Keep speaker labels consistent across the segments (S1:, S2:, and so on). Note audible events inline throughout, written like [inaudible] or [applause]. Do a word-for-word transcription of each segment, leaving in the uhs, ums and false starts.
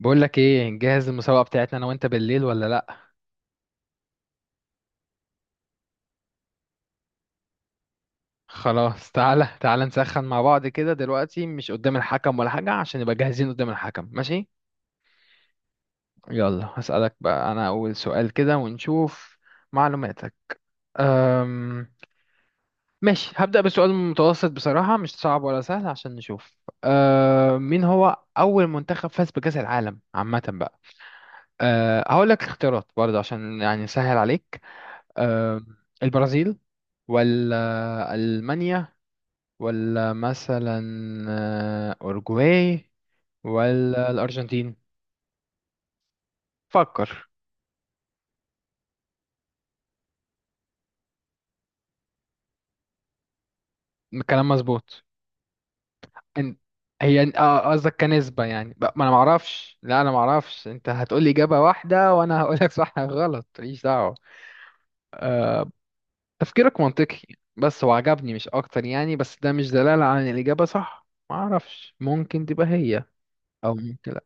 S1: بقول لك ايه، نجهز المسابقة بتاعتنا انا وانت بالليل ولا لا؟ خلاص، تعالى تعالى نسخن مع بعض كده دلوقتي مش قدام الحكم ولا حاجة عشان نبقى جاهزين قدام الحكم، ماشي. يلا هسألك بقى، انا اول سؤال كده ونشوف معلوماتك. أم... ماشي. هبدأ بسؤال متوسط بصراحة، مش صعب ولا سهل عشان نشوف. أم... مين هو اول منتخب فاز بكأس العالم عامة بقى؟ أه... هقول لك اختيارات برضه عشان يعني سهل عليك. أم... البرازيل، ولا ألمانيا، ولا مثلا آه، أورجواي، ولا الأرجنتين؟ فكر. الكلام مظبوط. انت، هي آه، قصدك كنسبة يعني؟ ب- ما انا معرفش، لا انا معرفش، انت هتقولي إجابة واحدة وانا هقولك صح غلط، ماليش دعوة. تفكيرك منطقي بس هو عجبني مش اكتر يعني، بس ده مش دلالة على ان الإجابة صح، معرفش، ممكن تبقى هي او ممكن لا.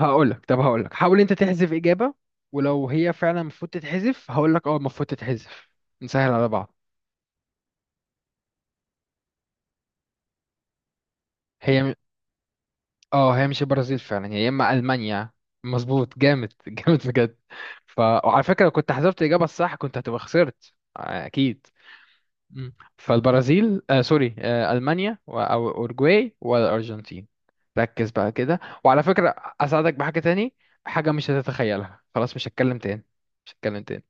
S1: هقولك، طب هقولك حاول انت تحذف إجابة ولو هي فعلا المفروض تتحذف هقولك اه المفروض تتحذف، نسهل على بعض. هي م- اه، هي مش البرازيل فعلا، هي يا اما المانيا. مظبوط، جامد [laughs] جامد بجد. ف وعلى فكره، لو كنت حسبت الاجابه الصح كنت هتبقى خسرت آه، اكيد. مم. فالبرازيل، آه سوري، آه المانيا و- او اورجواي والارجنتين. ركز بقى كده. وعلى فكره اساعدك بحاجه تاني، حاجه مش هتتخيلها، خلاص مش هتكلم تاني، مش هتكلم تاني.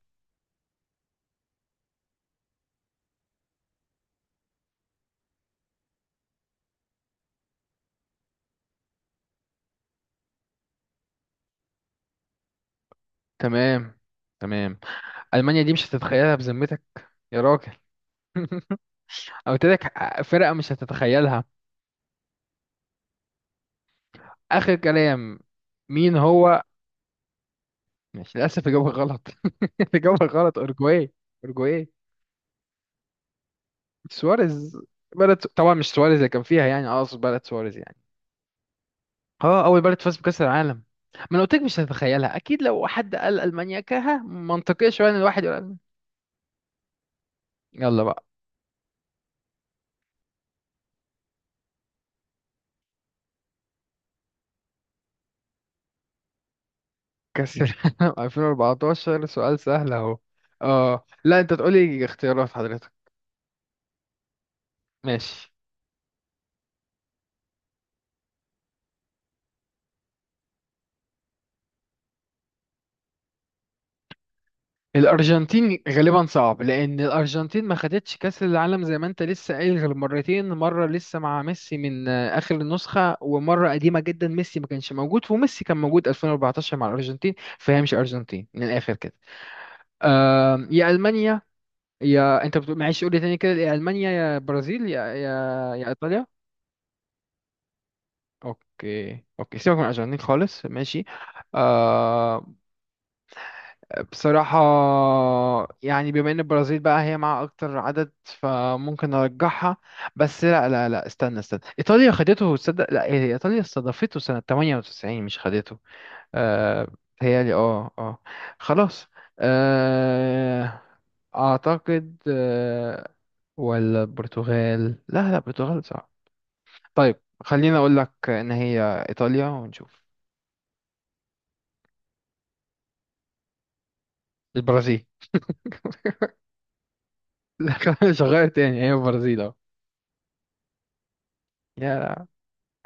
S1: تمام تمام، المانيا دي مش هتتخيلها بذمتك، يا راجل [laughs] قلت لك آه، فرقه مش هتتخيلها. آخر كلام، مين هو؟ مش للأسف، إجابة غلط. [laughs] إجابة غلط، أورجواي. أورجواي سواريز، بلد طبعا، مش سواريز اللي كان فيها يعني، أقصد بلد سواريز يعني. اه، أول بلد فاز بكأس العالم. ما أنا قلت لك مش هتتخيلها، أكيد لو حد قال ألمانيا كها منطقية شوية إن الواحد يقول ألمانيا. يلا بقى. كأس العالم [laughs] ألفين وأربعة عشر سؤال سهل أهو. اه لا، أنت تقولي اختيارات حضرتك. ماشي. الارجنتين غالبا صعب، لان الارجنتين ما خدتش كاس العالم زي ما انت لسه قايل غير مرتين، مره لسه مع ميسي من آه، اخر النسخه، ومره قديمه جدا ميسي ما كانش موجود، وميسي كان موجود ألفين وأربعتاشر مع الارجنتين. فهي مش ارجنتين من الاخر كده. آم، يا المانيا، يا انت بتقول، معلش قول لي تاني كده، يا المانيا يا برازيل يا يا يا ايطاليا؟ اوكي اوكي، سيبك من الارجنتين خالص، ماشي. آه بصراحة، يعني بما ان البرازيل بقى هي مع اكتر عدد فممكن ارجحها. بس لا لا لا، استنى استنى، ايطاليا خدته؟ تصدق لا، هي ايطاليا استضافته سنة تمنية وتسعين مش خدته. آه بيتهيألي، اه اه، خلاص، آه اعتقد، آه ولا البرتغال؟ لا لا، البرتغال صعب. طيب خليني اقول لك ان هي ايطاليا ونشوف. البرازيل. [laughs] لا، مش هغير تاني، هي البرازيل اهو. يا لا.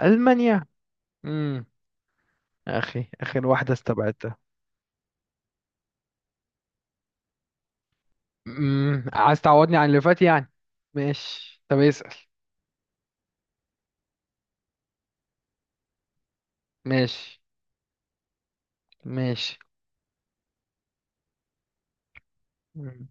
S1: المانيا؟ اخي، اخر واحدة استبعدتها. امم عايز تعوضني عن اللي فات يعني، ماشي طب اسأل. ماشي. ماشي. مم.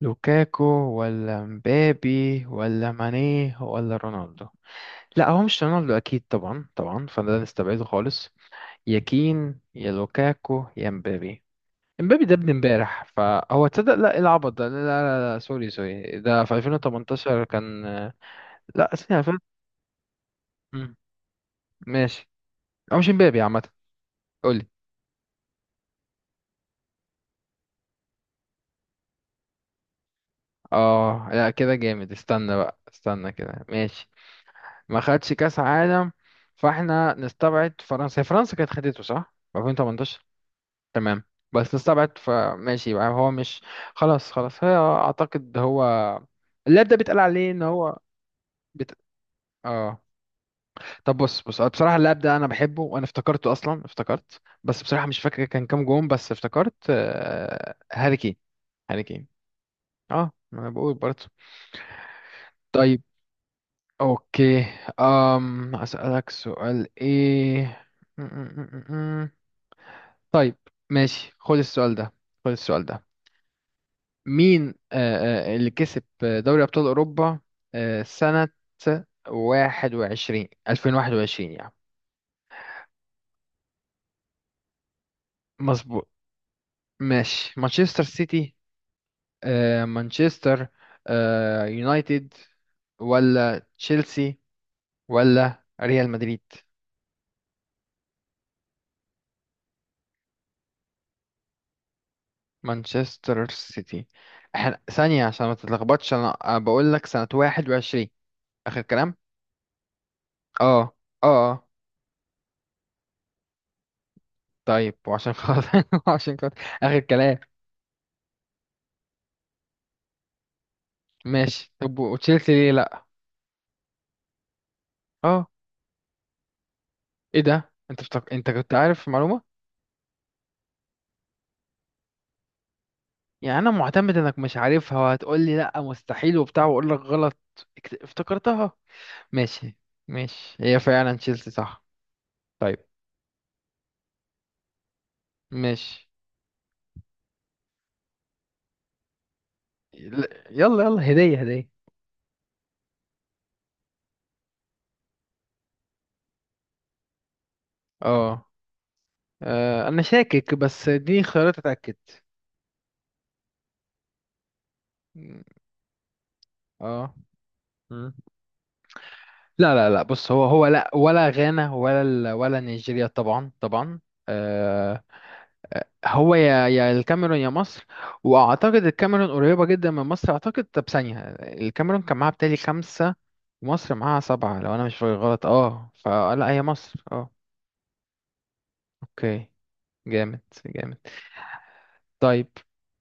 S1: لوكاكو ولا مبابي ولا ماني ولا رونالدو؟ لا هو مش رونالدو اكيد، طبعا طبعا، فده نستبعده خالص. يا كين يا لوكاكو يا مبابي. مبابي ده ابن امبارح فهو، تصدق لا، إيه العبط ده، لا لا لا, لا سوري سوري، ده في ألفين وتمنتاشر كان. لا سنة ألفين. مم. ماشي. هو مش مبابي عامة؟ قولي. اه لا كده جامد، استنى بقى استنى كده، ماشي. ما خدش كاس عالم، فاحنا نستبعد فرنسا، هي فرنسا كانت خدته صح ألفين وتمنتاشر. تمام، بس نستبعد فماشي، يبقى هو مش. خلاص خلاص، هي اعتقد هو، اللاعب ده بيتقال عليه ان هو. بت... اه طب بص بص، أنا بصراحة اللاعب ده انا بحبه، وانا افتكرته اصلا، افتكرت، بس بصراحة مش فاكر كان كام جون، بس افتكرت آه، هاري كين. هاري كين. اه ما انا بقول برضه. طيب. اوكي. أم اسالك سؤال ايه، م- م- م- م- م. طيب. ماشي خد السؤال ده، خد السؤال ده. مين آه، آه، اللي كسب eh, دوري ابطال اوروبا آه، سنة واحد وعشرين، ألفين وواحد وعشرين يعني؟ مظبوط. ماشي، مانشستر سيتي، آه، مانشستر آه، يونايتد، ولا تشيلسي، ولا ريال مدريد؟ مانشستر سيتي. احنا ثانية عشان ما تتلخبطش، انا أنا بقول لك سنة واحد وعشرين، اخر كلام. اه. اه. اه. طيب وعشان خاطر [laughs] وعشان خاطر اخر كلام. ماشي، طب وتشيلسي ليه لا؟ اه. ايه ده، انت بتق... انت كنت عارف المعلومة؟ يعني انا معتمد انك مش عارفها وهتقول لي لا مستحيل وبتاع واقول لك غلط. اكت- افتكرتها. ماشي. ماشي، هي فعلا تشيلسي صح. طيب. ماشي. ل- يلا يلا، هدية هدية. اه. آه، انا شاكك، بس دي خيارات اتاكد. مم، اه. مم. لا لا لا بص، هو هو لا، ولا غانا، ولا ال- ولا نيجيريا، طبعا طبعا. آه آه، هو يا يا الكاميرون يا مصر. واعتقد الكاميرون قريبه جدا من مصر، اعتقد، طب ثانيه، الكاميرون كان معاها بتالي خمسه، ومصر معاها سبعه لو انا مش فاكر غلط، اه فلا هي مصر، اه. اوكي. جامد جامد. طيب.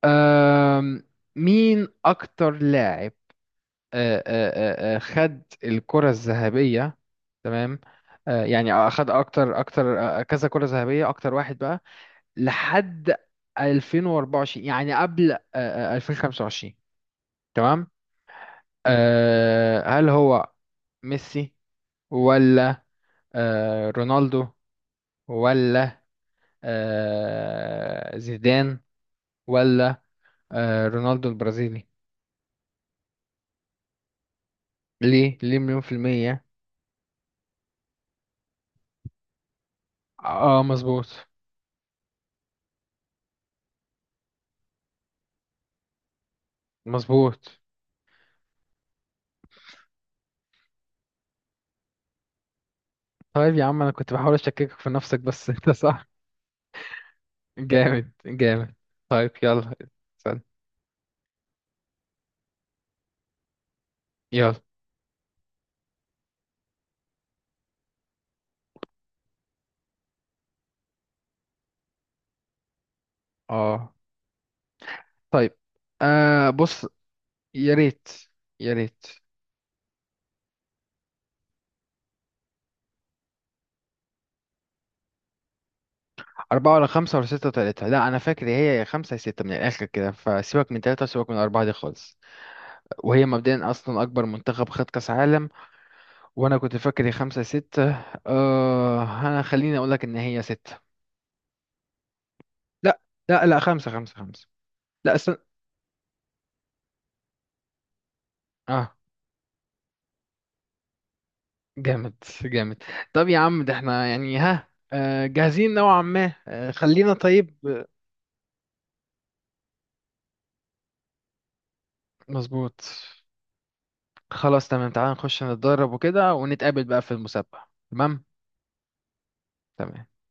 S1: آم، مين اكتر لاعب آه، آه، آه، آه، خد الكرة الذهبية، تمام، آه، يعني اخد اكتر اكتر آه، آه، كذا كرة ذهبية، اكتر واحد بقى لحد ألفين وأربعة وعشرين، يعني قبل آه، آه، ألفين وخمسة وعشرين، تمام؟ آه، هل هو ميسي، ولا آه، رونالدو، ولا آه، زيدان، ولا آه، رونالدو البرازيلي؟ ليه ليه مليون في المية؟ اه مظبوط، مظبوط. طيب يا عم، انا كنت بحاول اشككك في نفسك بس [laughs] انت صح. جامد جامد. طيب يلا. استنى. يلا. اه. طيب آه بص. يا ريت يا ريت. أربعة ولا خمسة ولا ستة وتلاتة؟ لا أنا فاكر هي يا خمسة يا ستة من الآخر كده، فسيبك من تلاتة وسيبك من أربعة دي خالص. وهي مبدئيا أصلا أكبر منتخب خد كأس عالم، وأنا كنت فاكر هي خمسة يا ستة. آه أنا خليني أقولك إن هي ستة. لا لا لا خمسة خمسة خمسة، لا استنى. آه جامد جامد. طب يا عم، ده احنا يعني ها آه، جاهزين نوعا ما، آه، خلينا، طيب. آه، مظبوط. خلاص تمام، تعال نخش نتدرب وكده ونتقابل بقى في المسابقة، تمام. تمام.